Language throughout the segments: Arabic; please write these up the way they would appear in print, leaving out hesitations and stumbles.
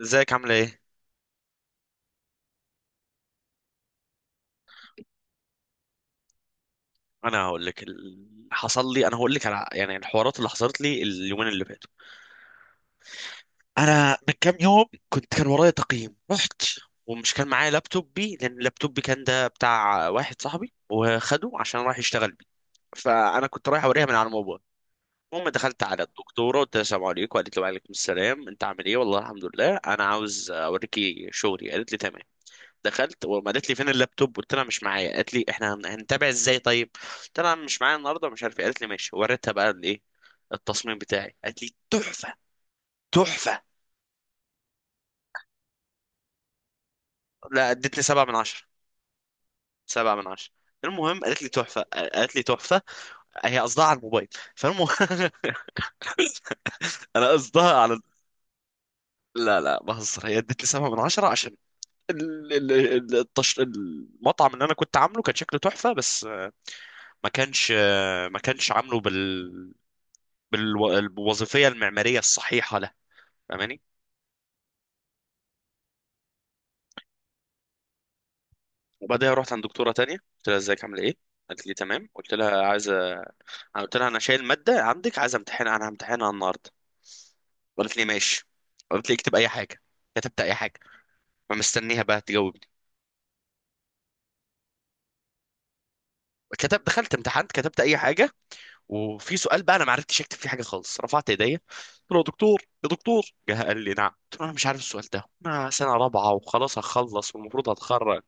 ازيك عامله ايه؟ انا هقول لك اللي حصل لي. انا هقول لك على يعني الحوارات اللي حصلت لي اليومين اللي فاتوا. انا من كام يوم كان ورايا تقييم. رحت ومش كان معايا لابتوبي لان لابتوبي كان ده بتاع واحد صاحبي وخده عشان راح يشتغل بيه. فانا كنت رايح اوريها من على الموبايل. المهم دخلت على الدكتوره، قلت لها السلام عليكم، قالت لي وعليكم السلام، انت عامل ايه، والله الحمد لله. انا عاوز اوريكي شغلي. قالت لي تمام. دخلت وما قالت لي فين اللابتوب. قلت لها مش معايا. قالت لي احنا هنتابع ازاي؟ طيب، قلت لها مش معايا النهارده ومش عارف ايه. قالت لي ماشي. وريتها بقى الايه، التصميم بتاعي. قالت لي تحفه تحفه. لا، ادتني سبعة من عشرة. سبعة من عشرة. المهم قالت لي تحفه قالت لي تحفه. هي قصدها على الموبايل. فالمهم انا قصدها على لا لا بهزر. هي ادتني سبعة من عشرة عشان المطعم اللي انا كنت عامله كان شكله تحفه، بس ما كانش عامله بالمظبوط، بالوظيفيه المعماريه الصحيحه له. فاهماني؟ وبعدها رحت عند دكتوره تانية، قلت لها ازيك عامله ايه. قالت لي تمام. قلت لها انا شايل ماده عندك، عايزه امتحنها. انا همتحنها النهارده. قالت لي ماشي. قالت لي اكتب اي حاجه. كتبت اي حاجه. فمستنيها بقى تجاوبني. دخلت امتحنت كتبت اي حاجه. وفي سؤال بقى انا ما عرفتش اكتب فيه حاجه خالص. رفعت ايديا قلت له يا دكتور يا دكتور. جه قال لي نعم. قلت له انا مش عارف السؤال ده، انا سنه رابعه وخلاص هخلص والمفروض هتخرج،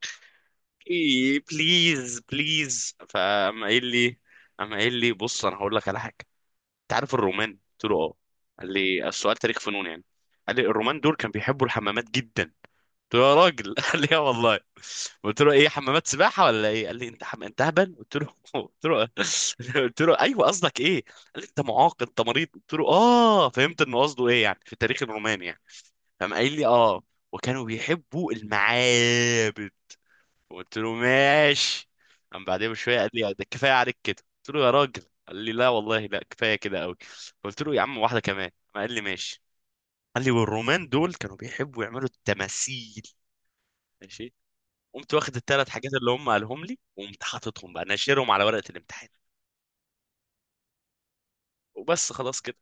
ايه، بليز بليز. فقام قايل لي بص انا هقول لك على حاجه. انت عارف الرومان؟ قلت له اه. قال لي السؤال تاريخ فنون يعني. قال لي الرومان دول كانوا بيحبوا الحمامات جدا. قلت له يا راجل قال لي اه والله. قلت له ايه، حمامات سباحه ولا ايه. قال لي انت انت هبل. قلت له قلت له قلت له ايوه، قصدك ايه. قال لي انت معاق انت مريض. قلت له اه، فهمت انه قصده ايه، يعني في التاريخ الروماني يعني. قام قايل لي اه، وكانوا بيحبوا المعابد. قلت له ماشي. قام بعدها بشويه قال لي ده كفايه عليك كده. قلت له يا راجل. قال لي لا والله، لا كفايه كده قوي. قلت له يا عم، واحده كمان. قال لي ماشي. قال لي والرومان دول كانوا بيحبوا يعملوا التماثيل. ماشي. قمت واخد الثلاث حاجات اللي هم قالهم لي وقمت حاططهم بقى ناشرهم على ورقه الامتحان. وبس، خلاص كده.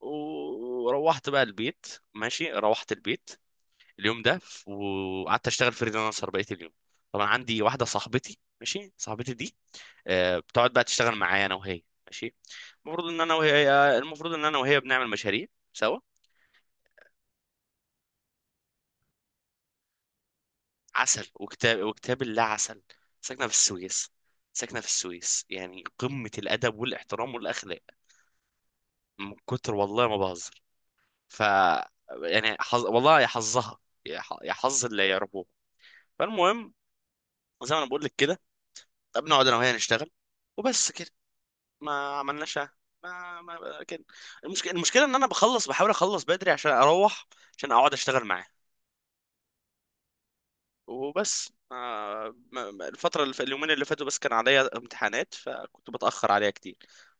وروحت بقى البيت. ماشي، روحت البيت اليوم ده. وقعدت اشتغل فريلانسر بقيه اليوم. طبعا عندي واحده صاحبتي، ماشي. صاحبتي دي بتقعد بقى تشتغل معايا انا وهي، ماشي. المفروض ان انا وهي آه، المفروض ان انا وهي بنعمل مشاريع سوا. عسل وكتاب وكتاب الله عسل. ساكنه في السويس. ساكنه في السويس، يعني قمه الادب والاحترام والاخلاق. من كتر، والله ما بهزر. ف، يعني والله يا حظها، يا حظ اللي يعرفوه. فالمهم، زي ما انا بقول لك كده، بنقعد انا وهي نشتغل. وبس كده. ما عملناش. ما ما كده. المشكله المشكله ان انا بحاول اخلص بدري عشان اروح عشان اقعد اشتغل معاه. وبس اليومين اللي فاتوا بس كان عليا امتحانات فكنت بتاخر عليها كتير.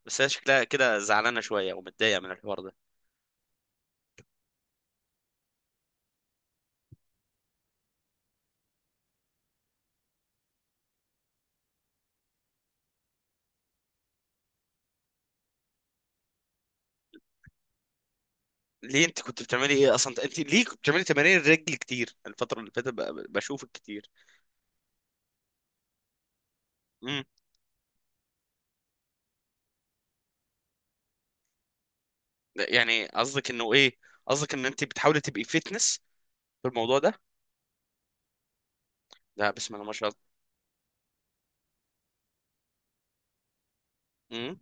بس هي شكلها كده زعلانه شويه ومتضايقه من الحوار ده. ليه انت كنت بتعملي ايه اصلا؟ انت ليه كنت بتعملي تمارين الرجل كتير الفتره اللي فاتت؟ بشوفك كتير. امم. يعني قصدك انه ايه؟ قصدك ان انت بتحاولي تبقي فيتنس في الموضوع ده؟ لا بسم الله ما شاء الله. امم.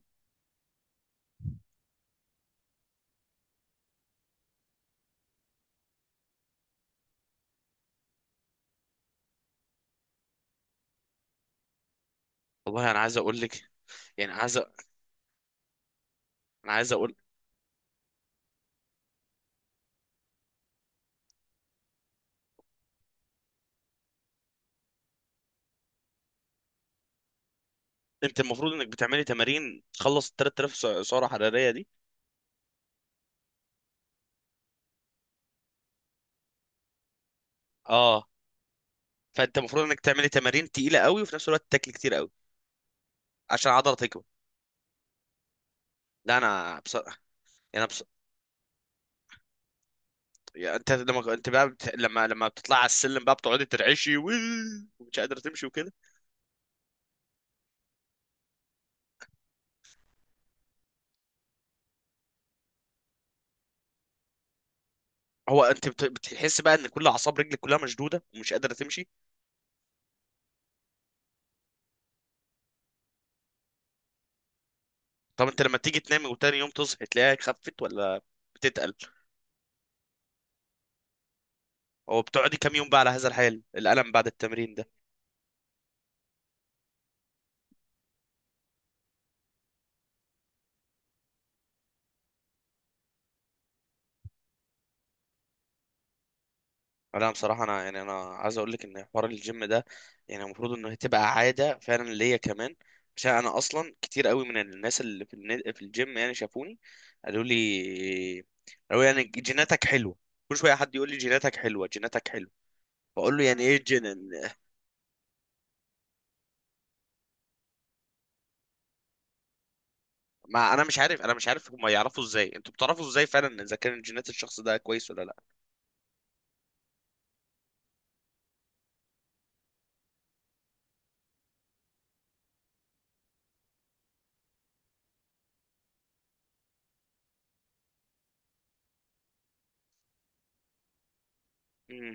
والله انا عايز اقول لك. يعني عايز أ- انا عايز اقول. انت المفروض انك بتعملي تمارين تخلص ال 3000 سعره حراريه دي؟ اه. فانت المفروض انك تعملي تمارين تقيله قوي وفي نفس الوقت تاكلي كتير قوي عشان العضله تكبر. لا انا بصراحه، يعني يعني انت لما انت بقى بت... لما لما بتطلع على السلم بقى، بتقعدي ترعشي ومش قادره تمشي وكده. هو انت بتحس بقى ان كل اعصاب رجلك كلها مشدوده ومش قادره تمشي؟ طب انت لما تيجي تنامي وتاني يوم تصحي تلاقيها خفت ولا بتتقل؟ هو بتقعدي كام يوم بقى على هذا الحال الالم بعد التمرين ده؟ لا بصراحة، أنا يعني أنا عايز أقول لك إن حوار الجيم ده يعني المفروض إنه تبقى عادة فعلا ليا كمان. عشان أنا أصلا كتير قوي من الناس اللي في في الجيم يعني شافوني، قالوا لي قالوا لي يعني جيناتك حلوة. كل شوية حد يقول لي جيناتك حلوة جيناتك حلوة. بقول له يعني إيه الجين؟ ما أنا مش عارف هما يعرفوا إزاي، أنتوا بتعرفوا إزاي فعلا إذا كان جينات الشخص ده كويس ولا لأ.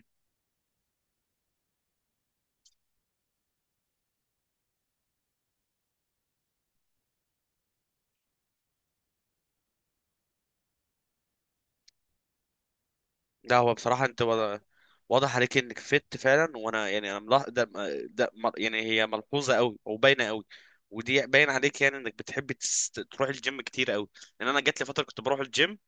لا هو بصراحة انت واضح عليك انك فت فعلا، وانا يعني انا ملاح... ده, ده م- يعني هي ملحوظة قوي او باينة قوي. ودي باين عليك، يعني انك بتحب تروح الجيم كتير قوي. لان انا جات لي فترة كنت بروح الجيم،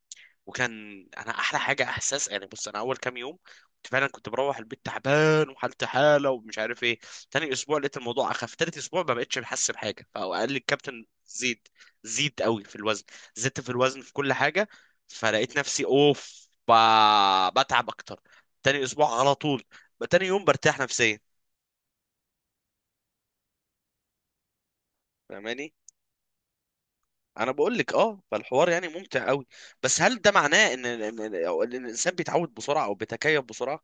وكان انا احلى حاجه احساس. يعني بص، انا اول كام يوم كنت فعلا كنت بروح البيت تعبان وحالتي حاله ومش عارف ايه. تاني اسبوع لقيت الموضوع اخف. تالت اسبوع ما بقتش بحس بحاجه. فقال لي الكابتن زيد. زيد قوي في الوزن، زدت في الوزن في كل حاجه. فلقيت نفسي اوف بتعب اكتر. تاني اسبوع على طول، تاني يوم برتاح نفسيا. فاهماني؟ انا بقول لك اه، فالحوار يعني ممتع قوي. بس هل ده معناه ان إن الانسان بيتعود بسرعه او بيتكيف بسرعه؟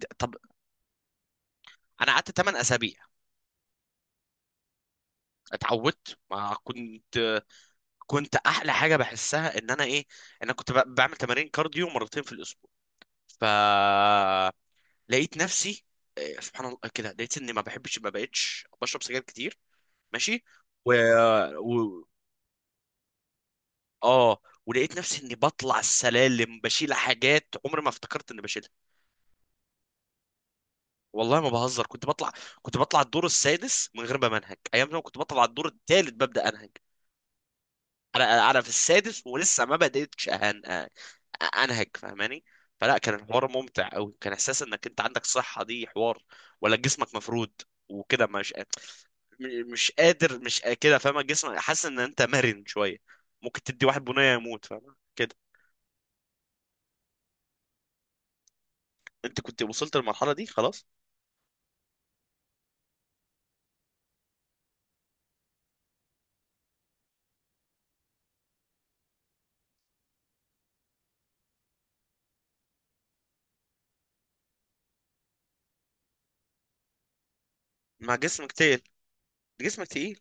طب انا قعدت 8 اسابيع. اتعودت، ما كنت كنت احلى حاجه بحسها ان انا ايه، ان انا كنت بعمل تمارين كارديو مرتين في الاسبوع. فلقيت نفسي سبحان الله كده، لقيت اني ما بحبش، ما بقتش بشرب سجاير كتير. ماشي. و... و... اه، ولقيت نفسي اني بطلع السلالم بشيل حاجات عمري ما افتكرت اني بشيلها. والله ما بهزر، كنت بطلع الدور السادس من غير ما انهج. ايام زمان كنت بطلع الدور الثالث ببدا انهج. انا في السادس ولسه ما بديتش انهج. فاهماني؟ فلا، كان الحوار ممتع قوي. كان احساس انك انت عندك صحة، دي حوار. ولا جسمك مفرود وكده، مش مش قادر مش قا- كده. فاهمة؟ جسمك حاسس ان انت مرن شوية. ممكن تدي واحد بنية يموت، فاهمة كده؟ انت كنت وصلت للمرحلة دي خلاص. مع جسمك تقيل، جسمك تقيل.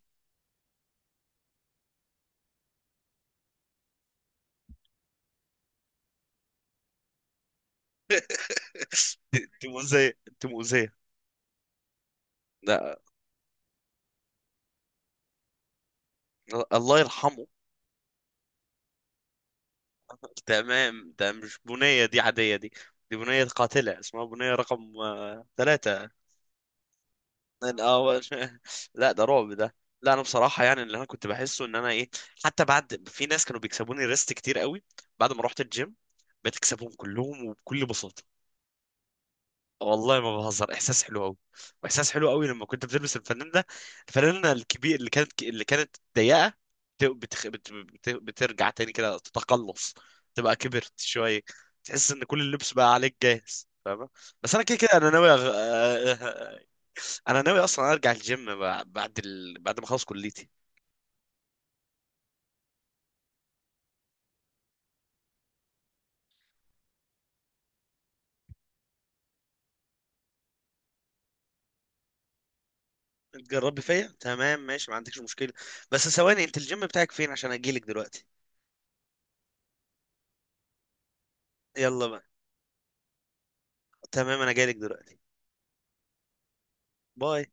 انت مؤذية انت مؤذية. لا، الله يرحمه. تمام ده مش بنية دي عادية دي، دي بنية قاتلة اسمها بنية رقم ثلاثة من أول. لا، ده رعب ده. لا أنا بصراحة يعني اللي أنا كنت بحسه إن أنا إيه، حتى بعد، في ناس كانوا بيكسبوني ريست كتير قوي، بعد ما رحت الجيم بقيت أكسبهم كلهم وبكل بساطة. والله ما بهزر احساس حلو قوي. واحساس حلو قوي لما كنت بتلبس الفنان ده الفنانه الكبير اللي كانت اللي كانت ضيقه، بترجع تاني كده تتقلص، تبقى كبرت شويه. تحس ان كل اللبس بقى عليك جاهز. فاهمه؟ بس انا كده كده انا ناوي. انا ناوي اصلا ارجع الجيم بعد ما اخلص كليتي. تجربي فيا تمام ماشي، ما عندكش مشكله. بس ثواني، انت الجيم بتاعك فين عشان اجيلك دلوقتي؟ يلا بقى. تمام انا جايلك دلوقتي. باي.